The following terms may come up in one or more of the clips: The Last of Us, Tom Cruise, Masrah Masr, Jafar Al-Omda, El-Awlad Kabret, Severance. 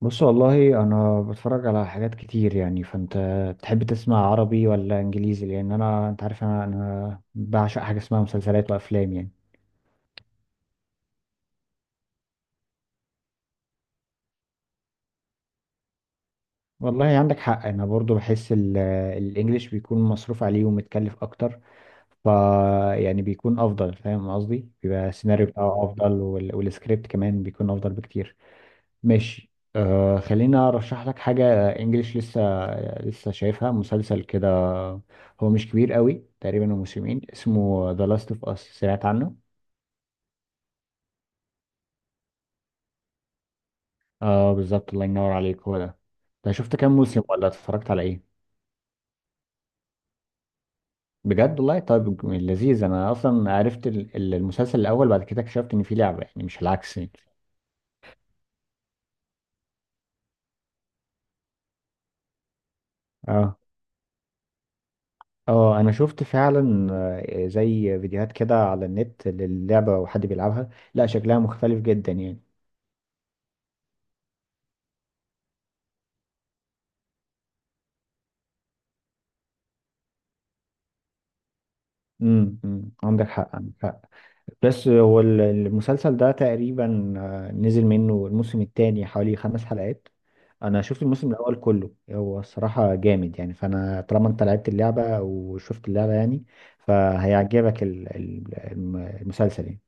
بص والله انا بتفرج على حاجات كتير يعني. فانت تحب تسمع عربي ولا انجليزي؟ لان انت عارف انا بعشق حاجه اسمها مسلسلات وافلام يعني. والله عندك حق، انا برضو بحس الانجليش بيكون مصروف عليه ومتكلف اكتر. ف يعني بيكون افضل، فاهم قصدي؟ بيبقى السيناريو بتاعه افضل والسكريبت كمان بيكون افضل بكتير. ماشي، آه، خلينا ارشح لك حاجه انجليش لسه شايفها، مسلسل كده، هو مش كبير قوي، تقريبا هو موسمين، اسمه ذا لاست اوف اس، سمعت عنه؟ اه بالظبط، الله ينور عليك، هو ده. ده شفت كام موسم ولا اتفرجت على ايه؟ بجد؟ والله طيب لذيذ. انا اصلا عرفت المسلسل الاول، بعد كده اكتشفت ان في لعبه يعني، مش العكس يعني. اه. اه انا شفت فعلا، زي فيديوهات كده على النت للعبه وحد بيلعبها، لا شكلها مختلف جدا يعني. أمم، عندك حق، عندك حق. بس هو المسلسل ده تقريبا، نزل منه الموسم الثاني حوالي خمس حلقات. انا شفت الموسم الاول كله، هو الصراحه جامد يعني. فانا طالما انت لعبت اللعبه وشفت اللعبه يعني فهيعجبك المسلسل يعني.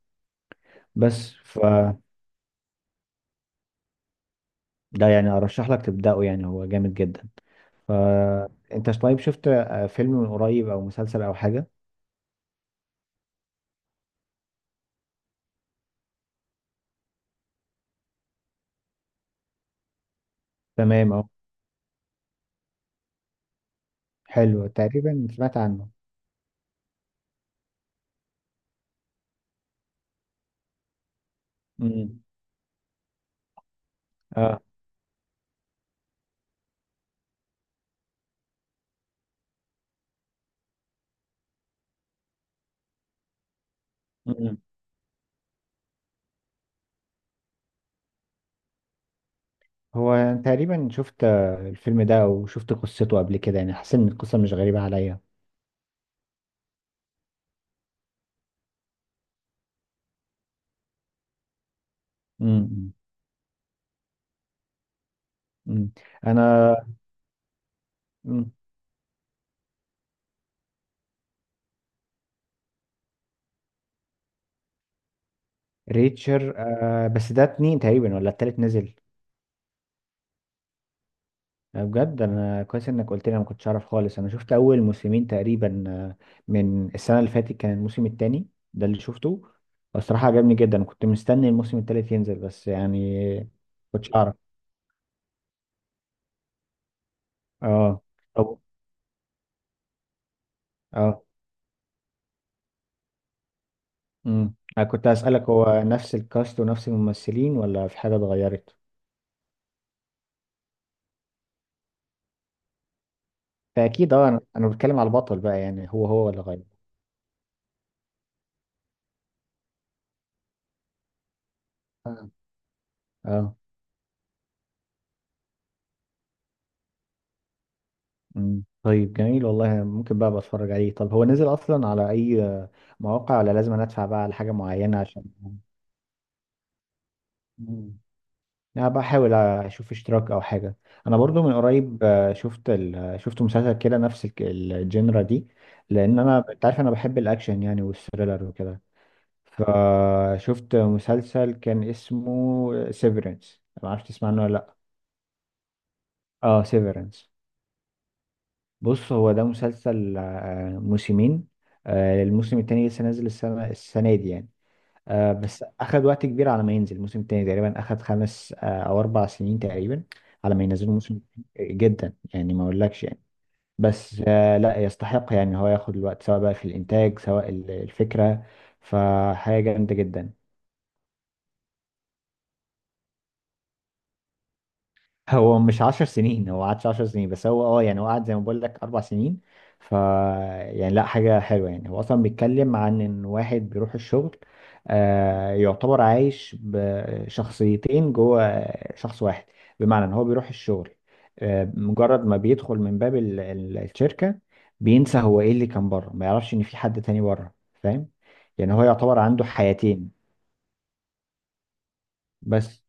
بس فده، يعني ارشح لك تبداه، يعني هو جامد جدا. فانت طيب شفت فيلم من قريب او مسلسل او حاجه؟ تمام اهو. حلو، تقريبا سمعت عنه. امم. اه. هو تقريبا شفت الفيلم ده او شفت قصته قبل كده يعني، حسيت ان القصه مش غريبه عليا. امم. امم. انا. مم. ريتشر آه، بس ده اتنين تقريبا ولا التالت نزل؟ بجد؟ انا كويس انك قلت لي، أنا ما كنتش اعرف خالص. انا شفت اول موسمين تقريبا، من السنه اللي فاتت كان الموسم التاني ده اللي شفته. الصراحه عجبني جدا، كنت مستني الموسم التالت ينزل بس يعني ما كنتش اعرف. اه. طب. اه. امم، انا كنت اسالك هو نفس الكاست ونفس الممثلين ولا في حاجه اتغيرت؟ فاكيد اه، انا بتكلم على البطل بقى يعني، هو هو اللي غير. آه. اه. طيب، جميل والله، ممكن بقى بتفرج عليه. طب هو نزل اصلا على اي مواقع ولا لازم أنا ادفع بقى على حاجه معينه عشان؟ مم. انا بحاول اشوف اشتراك او حاجه. انا برضو من قريب شفت شفت مسلسل كده نفس الجنرا دي، لان انت عارف انا بحب الاكشن يعني والثريلر وكده. فشفت مسلسل كان اسمه سيفرنس، ما اعرفش تسمع عنه ولا لا؟ اه سيفرنس. بص هو ده مسلسل، موسمين، الموسم التاني لسه نازل السنة دي يعني. بس أخد وقت كبير على ما ينزل الموسم التاني، تقريبا أخد خمس أو أربع سنين تقريبا على ما ينزلوا الموسم التاني. جدا يعني ما أقولكش يعني. بس لا يستحق يعني، هو ياخد الوقت سواء بقى في الإنتاج سواء الفكرة، فحاجة جامدة جدا. هو مش عشر سنين، هو قعدش عشر سنين، بس هو اه يعني هو قعد زي ما بقول لك اربع سنين. ف يعني لا حاجة حلوة يعني. هو اصلا بيتكلم عن ان واحد بيروح الشغل، آه يعتبر عايش بشخصيتين جوه شخص واحد، بمعنى ان هو بيروح الشغل آه، مجرد ما بيدخل من باب الشركة بينسى هو ايه اللي كان بره، ما يعرفش ان في حد تاني بره، فاهم يعني؟ هو يعتبر عنده حياتين. بس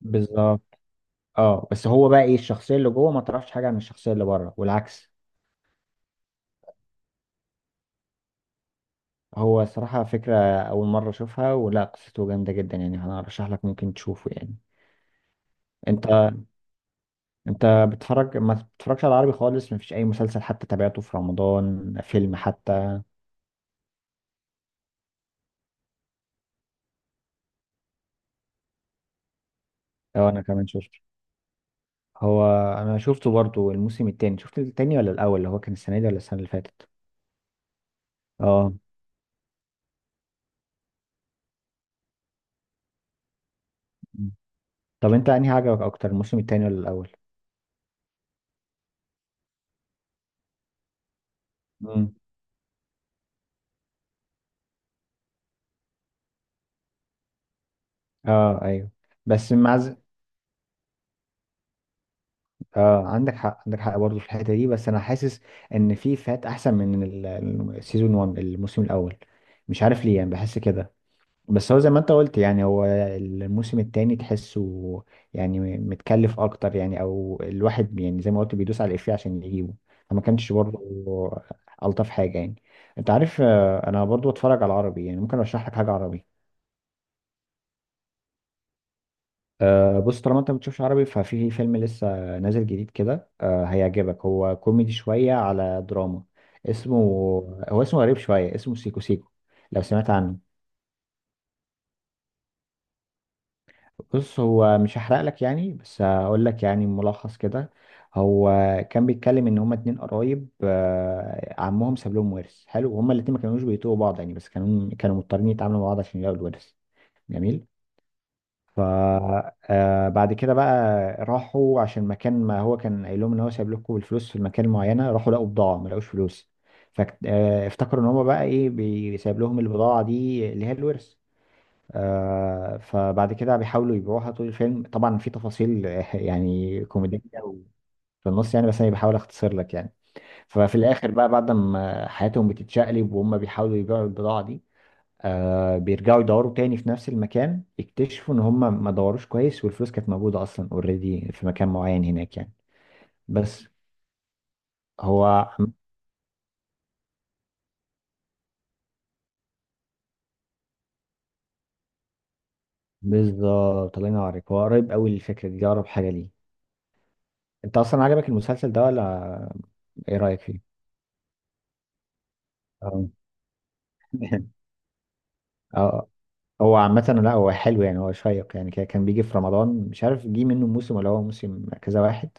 بالظبط. اه بس هو بقى ايه الشخصيه اللي جوه ما تعرفش حاجه عن الشخصيه اللي بره، والعكس. هو صراحه فكره اول مره اشوفها، ولا قصته جامده جدا يعني، انا ارشح لك ممكن تشوفه يعني. انت انت بتتفرج ما بتتفرجش على عربي خالص؟ ما فيش اي مسلسل حتى تابعته في رمضان، فيلم حتى؟ اه انا كمان شفته. هو. انا شفته برضو الموسم التاني، شفت التاني ولا الاول اللي هو كان السنه دي ولا السنه اللي فاتت؟ اه. طب انت انهي عجبك اكتر، الموسم التاني ولا الاول؟ امم. اه. ايوه. بس مع ز- اه عندك حق، عندك حق برضه في الحته دي، بس انا حاسس ان في فات احسن من السيزون 1، الموسم الاول، مش عارف ليه يعني، بحس كده. بس هو زي ما انت قلت يعني، هو الموسم التاني تحسه يعني متكلف اكتر يعني، او الواحد يعني زي ما قلت بيدوس على الإفيه عشان يجيبه، فما كانش برضه الطف حاجه يعني. انت عارف انا برضه بتفرج على العربي يعني، ممكن ارشح لك حاجه عربي. أه بص، طالما انت ما بتشوفش عربي، ففي فيلم لسه نازل جديد كده، أه هيعجبك، هو كوميدي شوية على دراما، اسمه، هو اسمه غريب شوية، اسمه سيكو سيكو، لو سمعت عنه. بص هو مش هحرق لك يعني، بس هقول لك يعني ملخص كده. هو كان بيتكلم ان هما اتنين قرايب، أه عمهم ساب لهم ورث حلو، وهما الاتنين ما كانوش بيتوبوا بعض يعني، بس كانوا مضطرين يتعاملوا مع بعض عشان يلاقوا الورث. جميل. فبعد كده بقى راحوا عشان مكان ما هو كان قايل لهم ان هو سايب لكم الفلوس في المكان معينه، راحوا لقوا بضاعه، ما لقوش فلوس، فافتكروا ان هم بقى ايه، سايب لهم البضاعه دي اللي هي الورث. فبعد كده بيحاولوا يبيعوها طول الفيلم، طبعا في تفاصيل يعني كوميدية في النص يعني، بس انا بحاول اختصر لك يعني. ففي الاخر بقى بعد ما حياتهم بتتشقلب وهم بيحاولوا يبيعوا البضاعة دي، آه بيرجعوا يدوروا تاني في نفس المكان، يكتشفوا ان هم ما دوروش كويس، والفلوس كانت موجودة اصلا اوريدي في مكان معين هناك يعني. بس. هو. بالظبط، الله ينورك، هو قريب قوي للفكرة دي، اقرب حاجة ليه. انت اصلا عجبك المسلسل ده ولا ايه رأيك فيه؟ اه. اه. هو عامة لا هو حلو يعني، هو شيق يعني، كان بيجي في رمضان، مش عارف جه منه موسم ولا هو موسم كذا واحد.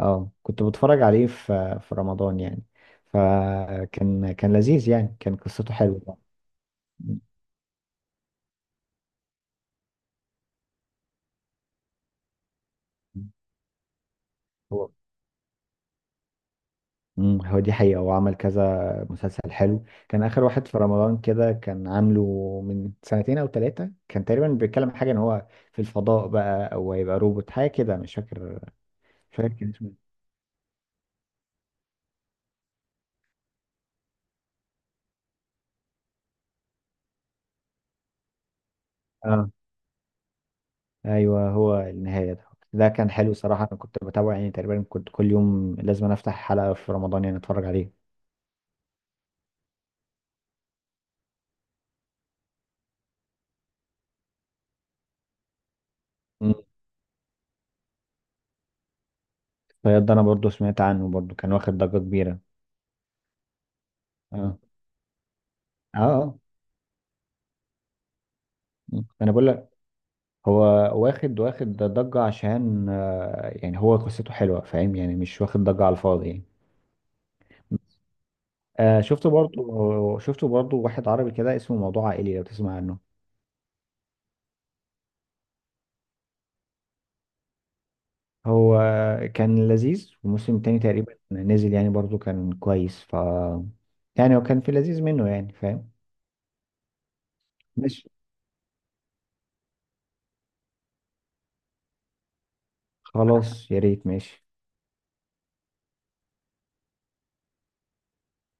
اه كنت بتفرج عليه في في رمضان يعني، فكان لذيذ يعني، كان قصته حلوة. هو. مم، هو دي حقيقة، هو عمل كذا مسلسل حلو. كان آخر واحد في رمضان كده كان عامله من سنتين أو ثلاثة، كان تقريبا بيتكلم حاجة إن هو في الفضاء بقى أو هيبقى روبوت حاجة كده، مش فاكر. مش فاكر كان اسمه إيه. آه أيوه هو النهاية ده. ده كان حلو صراحة، أنا كنت بتابعه يعني، تقريبا كنت كل يوم لازم أنا أفتح حلقة في رمضان يعني أتفرج عليه. مم. فيض ده، أنا برضو سمعت عنه، برضو كان واخد ضجة كبيرة. آه. آه. آه. مم. أنا بقول هو واخد ضجة عشان يعني هو قصته حلوة، فاهم يعني؟ مش واخد ضجة على الفاضي يعني. شفته برضو، شفته برضو واحد عربي كده اسمه موضوع عائلي، لو تسمع عنه. هو كان لذيذ، وموسم تاني تقريبا نزل يعني برضو كان كويس. يعني هو كان في لذيذ منه يعني، فاهم؟ ماشي. خلاص يا ريت، ماشي.